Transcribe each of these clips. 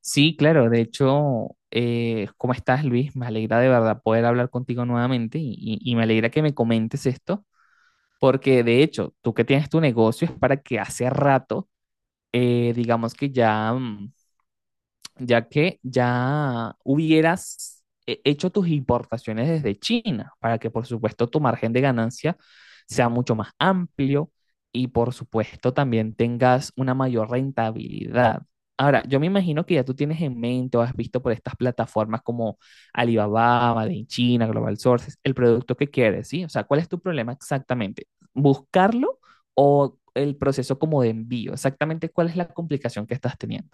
Sí, claro. De hecho, ¿cómo estás, Luis? Me alegra de verdad poder hablar contigo nuevamente y me alegra que me comentes esto, porque de hecho, tú que tienes tu negocio es para que hace rato, digamos que ya, ya que ya hubieras hecho tus importaciones desde China, para que por supuesto tu margen de ganancia sea mucho más amplio y por supuesto también tengas una mayor rentabilidad. Ahora, yo me imagino que ya tú tienes en mente o has visto por estas plataformas como Alibaba, Made in China, Global Sources, el producto que quieres, ¿sí? O sea, ¿cuál es tu problema exactamente? ¿Buscarlo o el proceso como de envío? Exactamente, ¿cuál es la complicación que estás teniendo?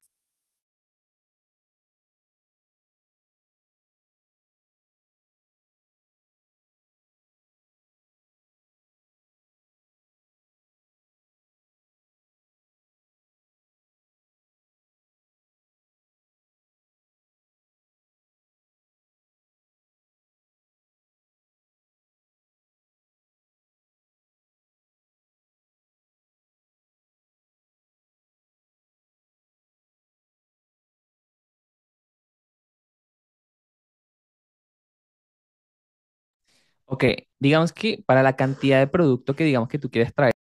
Ok, digamos que para la cantidad de producto que digamos que tú quieres traer.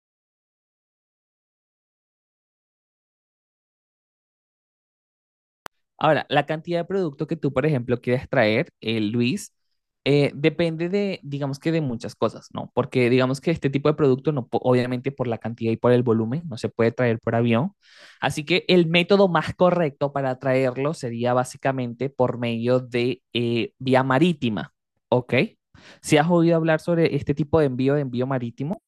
Ahora, la cantidad de producto que tú, por ejemplo, quieres traer, Luis, depende de, digamos que de muchas cosas, ¿no? Porque digamos que este tipo de producto, no, obviamente por la cantidad y por el volumen, no se puede traer por avión. Así que el método más correcto para traerlo sería básicamente por medio de vía marítima, ¿ok? ¿Si has oído hablar sobre este tipo de envío marítimo?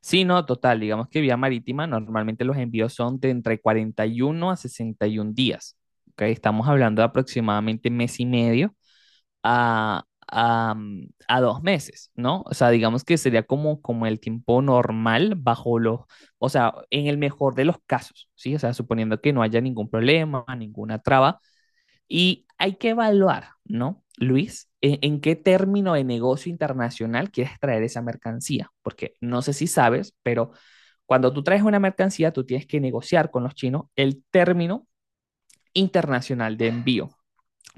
Sí, no, total. Digamos que vía marítima, normalmente los envíos son de entre 41 a 61 días. ¿Ok? Estamos hablando de aproximadamente mes y medio a, a 2 meses, ¿no? O sea, digamos que sería como, como el tiempo normal bajo los, o sea, en el mejor de los casos, ¿sí? O sea, suponiendo que no haya ningún problema, ninguna traba, y hay que evaluar, ¿no, Luis? En qué término de negocio internacional quieres traer esa mercancía, porque no sé si sabes, pero cuando tú traes una mercancía, tú tienes que negociar con los chinos el término internacional de envío.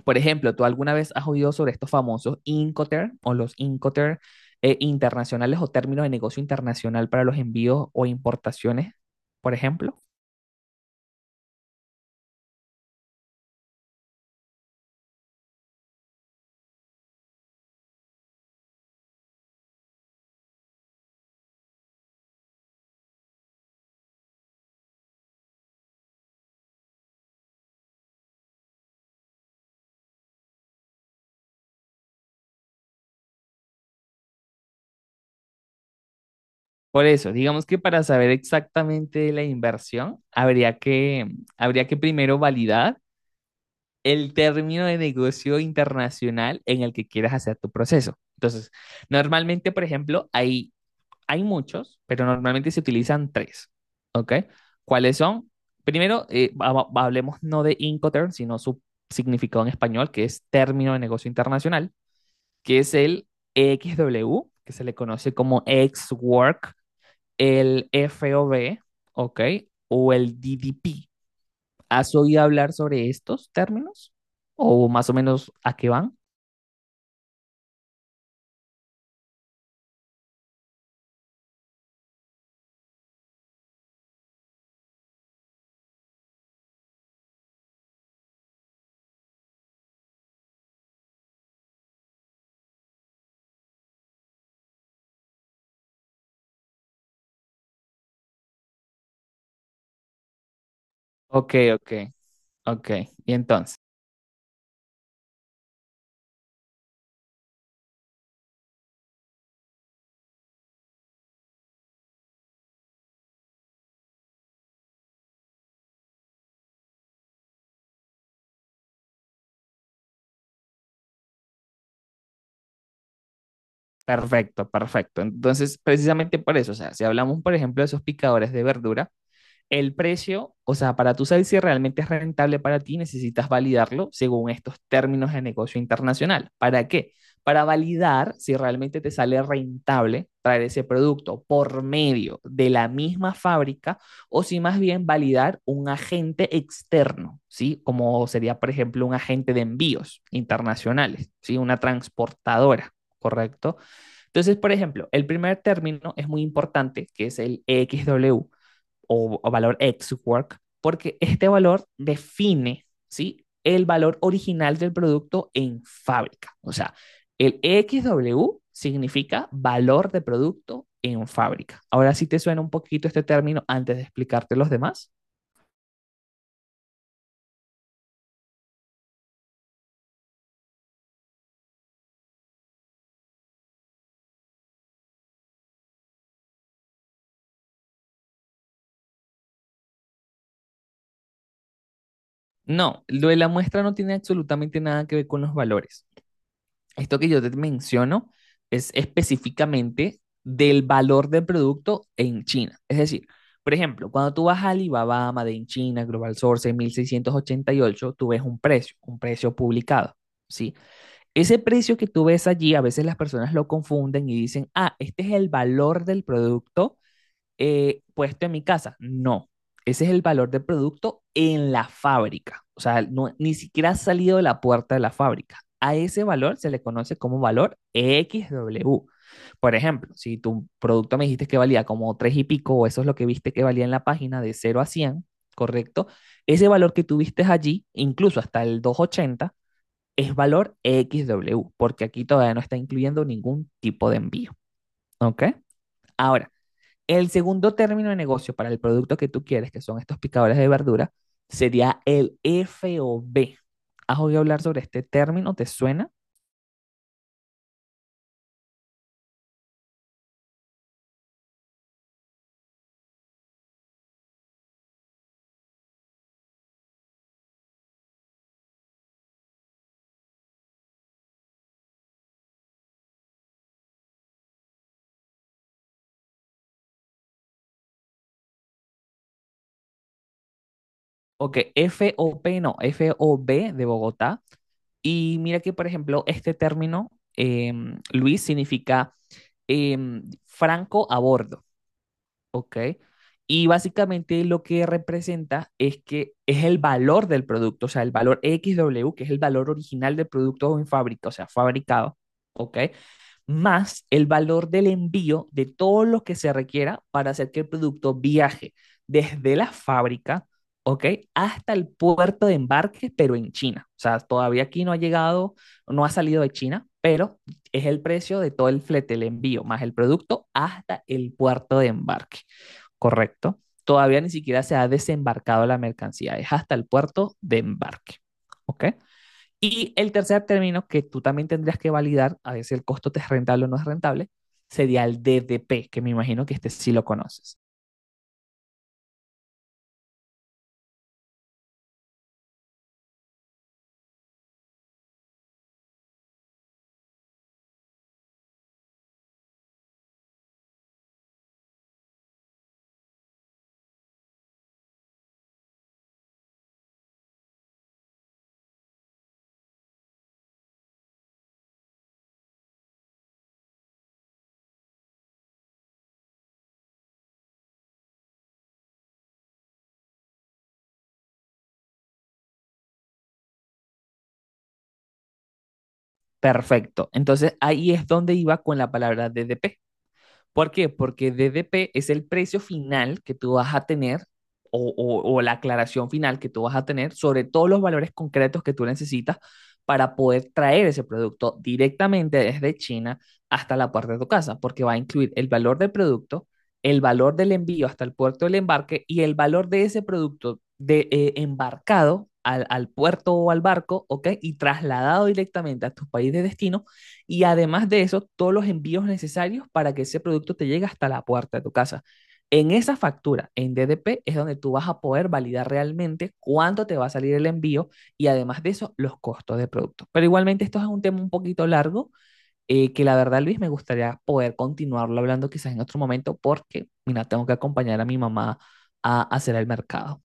Por ejemplo, ¿tú alguna vez has oído sobre estos famosos Incoterm o los Incoterm internacionales o términos de negocio internacional para los envíos o importaciones, por ejemplo? Por eso, digamos que para saber exactamente de la inversión, habría que primero validar el término de negocio internacional en el que quieras hacer tu proceso. Entonces, normalmente, por ejemplo, hay muchos, pero normalmente se utilizan tres, ¿ok? ¿Cuáles son? Primero, hablemos no de Incoterm, sino su significado en español, que es término de negocio internacional, que es el EXW, que se le conoce como ex-work, el FOB, ¿ok? O el DDP. ¿Has oído hablar sobre estos términos? ¿O más o menos a qué van? Ok, ok, ok. Y entonces, perfecto, perfecto. Entonces, precisamente por eso, o sea, si hablamos, por ejemplo, de esos picadores de verdura, el precio, o sea, para tú saber si realmente es rentable para ti, necesitas validarlo según estos términos de negocio internacional. ¿Para qué? Para validar si realmente te sale rentable traer ese producto por medio de la misma fábrica o si más bien validar un agente externo, ¿sí? Como sería, por ejemplo, un agente de envíos internacionales, ¿sí? Una transportadora. ¿Correcto? Entonces, por ejemplo, el primer término es muy importante, que es el XW, o valor ex work, porque este valor define, ¿sí? El valor original del producto en fábrica. O sea, el XW significa valor de producto en fábrica. Ahora sí te suena un poquito este término antes de explicarte los demás. No, lo de la muestra no tiene absolutamente nada que ver con los valores. Esto que yo te menciono es específicamente del valor del producto en China. Es decir, por ejemplo, cuando tú vas a Alibaba, Made in China, Global Source, 1688, tú ves un precio publicado, ¿sí? Ese precio que tú ves allí, a veces las personas lo confunden y dicen, ah, este es el valor del producto puesto en mi casa. No, ese es el valor del producto en la fábrica. O sea, no, ni siquiera ha salido de la puerta de la fábrica. A ese valor se le conoce como valor XW. Por ejemplo, si tu producto me dijiste que valía como 3 y pico, o eso es lo que viste que valía en la página de cero a 100, ¿correcto? Ese valor que tuviste allí, incluso hasta el 280, es valor XW, porque aquí todavía no está incluyendo ningún tipo de envío, ¿ok? Ahora, el segundo término de negocio para el producto que tú quieres, que son estos picadores de verdura, sería el FOB. ¿Has oído hablar sobre este término? ¿Te suena? Ok, FOP no, FOB de Bogotá. Y mira que, por ejemplo, este término, Luis, significa franco a bordo. Ok. Y básicamente lo que representa es que es el valor del producto, o sea, el valor XW, que es el valor original del producto en fábrica, o sea, fabricado, ¿ok? Más el valor del envío de todo lo que se requiera para hacer que el producto viaje desde la fábrica, ¿ok? Hasta el puerto de embarque, pero en China. O sea, todavía aquí no ha llegado, no ha salido de China, pero es el precio de todo el flete, el envío, más el producto hasta el puerto de embarque correcto, todavía ni siquiera se ha desembarcado la mercancía, es hasta el puerto de embarque, ¿ok? Y el tercer término que tú también tendrías que validar, a ver si el costo te es rentable o no es rentable, sería el DDP, que me imagino que este sí lo conoces. Perfecto. Entonces ahí es donde iba con la palabra DDP. ¿Por qué? Porque DDP es el precio final que tú vas a tener o la aclaración final que tú vas a tener sobre todos los valores concretos que tú necesitas para poder traer ese producto directamente desde China hasta la puerta de tu casa, porque va a incluir el valor del producto, el valor del envío hasta el puerto del embarque y el valor de ese producto de, embarcado al puerto o al barco, ¿ok? Y trasladado directamente a tu país de destino y además de eso, todos los envíos necesarios para que ese producto te llegue hasta la puerta de tu casa. En esa factura, en DDP, es donde tú vas a poder validar realmente cuánto te va a salir el envío y además de eso, los costos de producto. Pero igualmente esto es un tema un poquito largo que la verdad, Luis, me gustaría poder continuarlo hablando quizás en otro momento porque, mira, tengo que acompañar a mi mamá a hacer el mercado.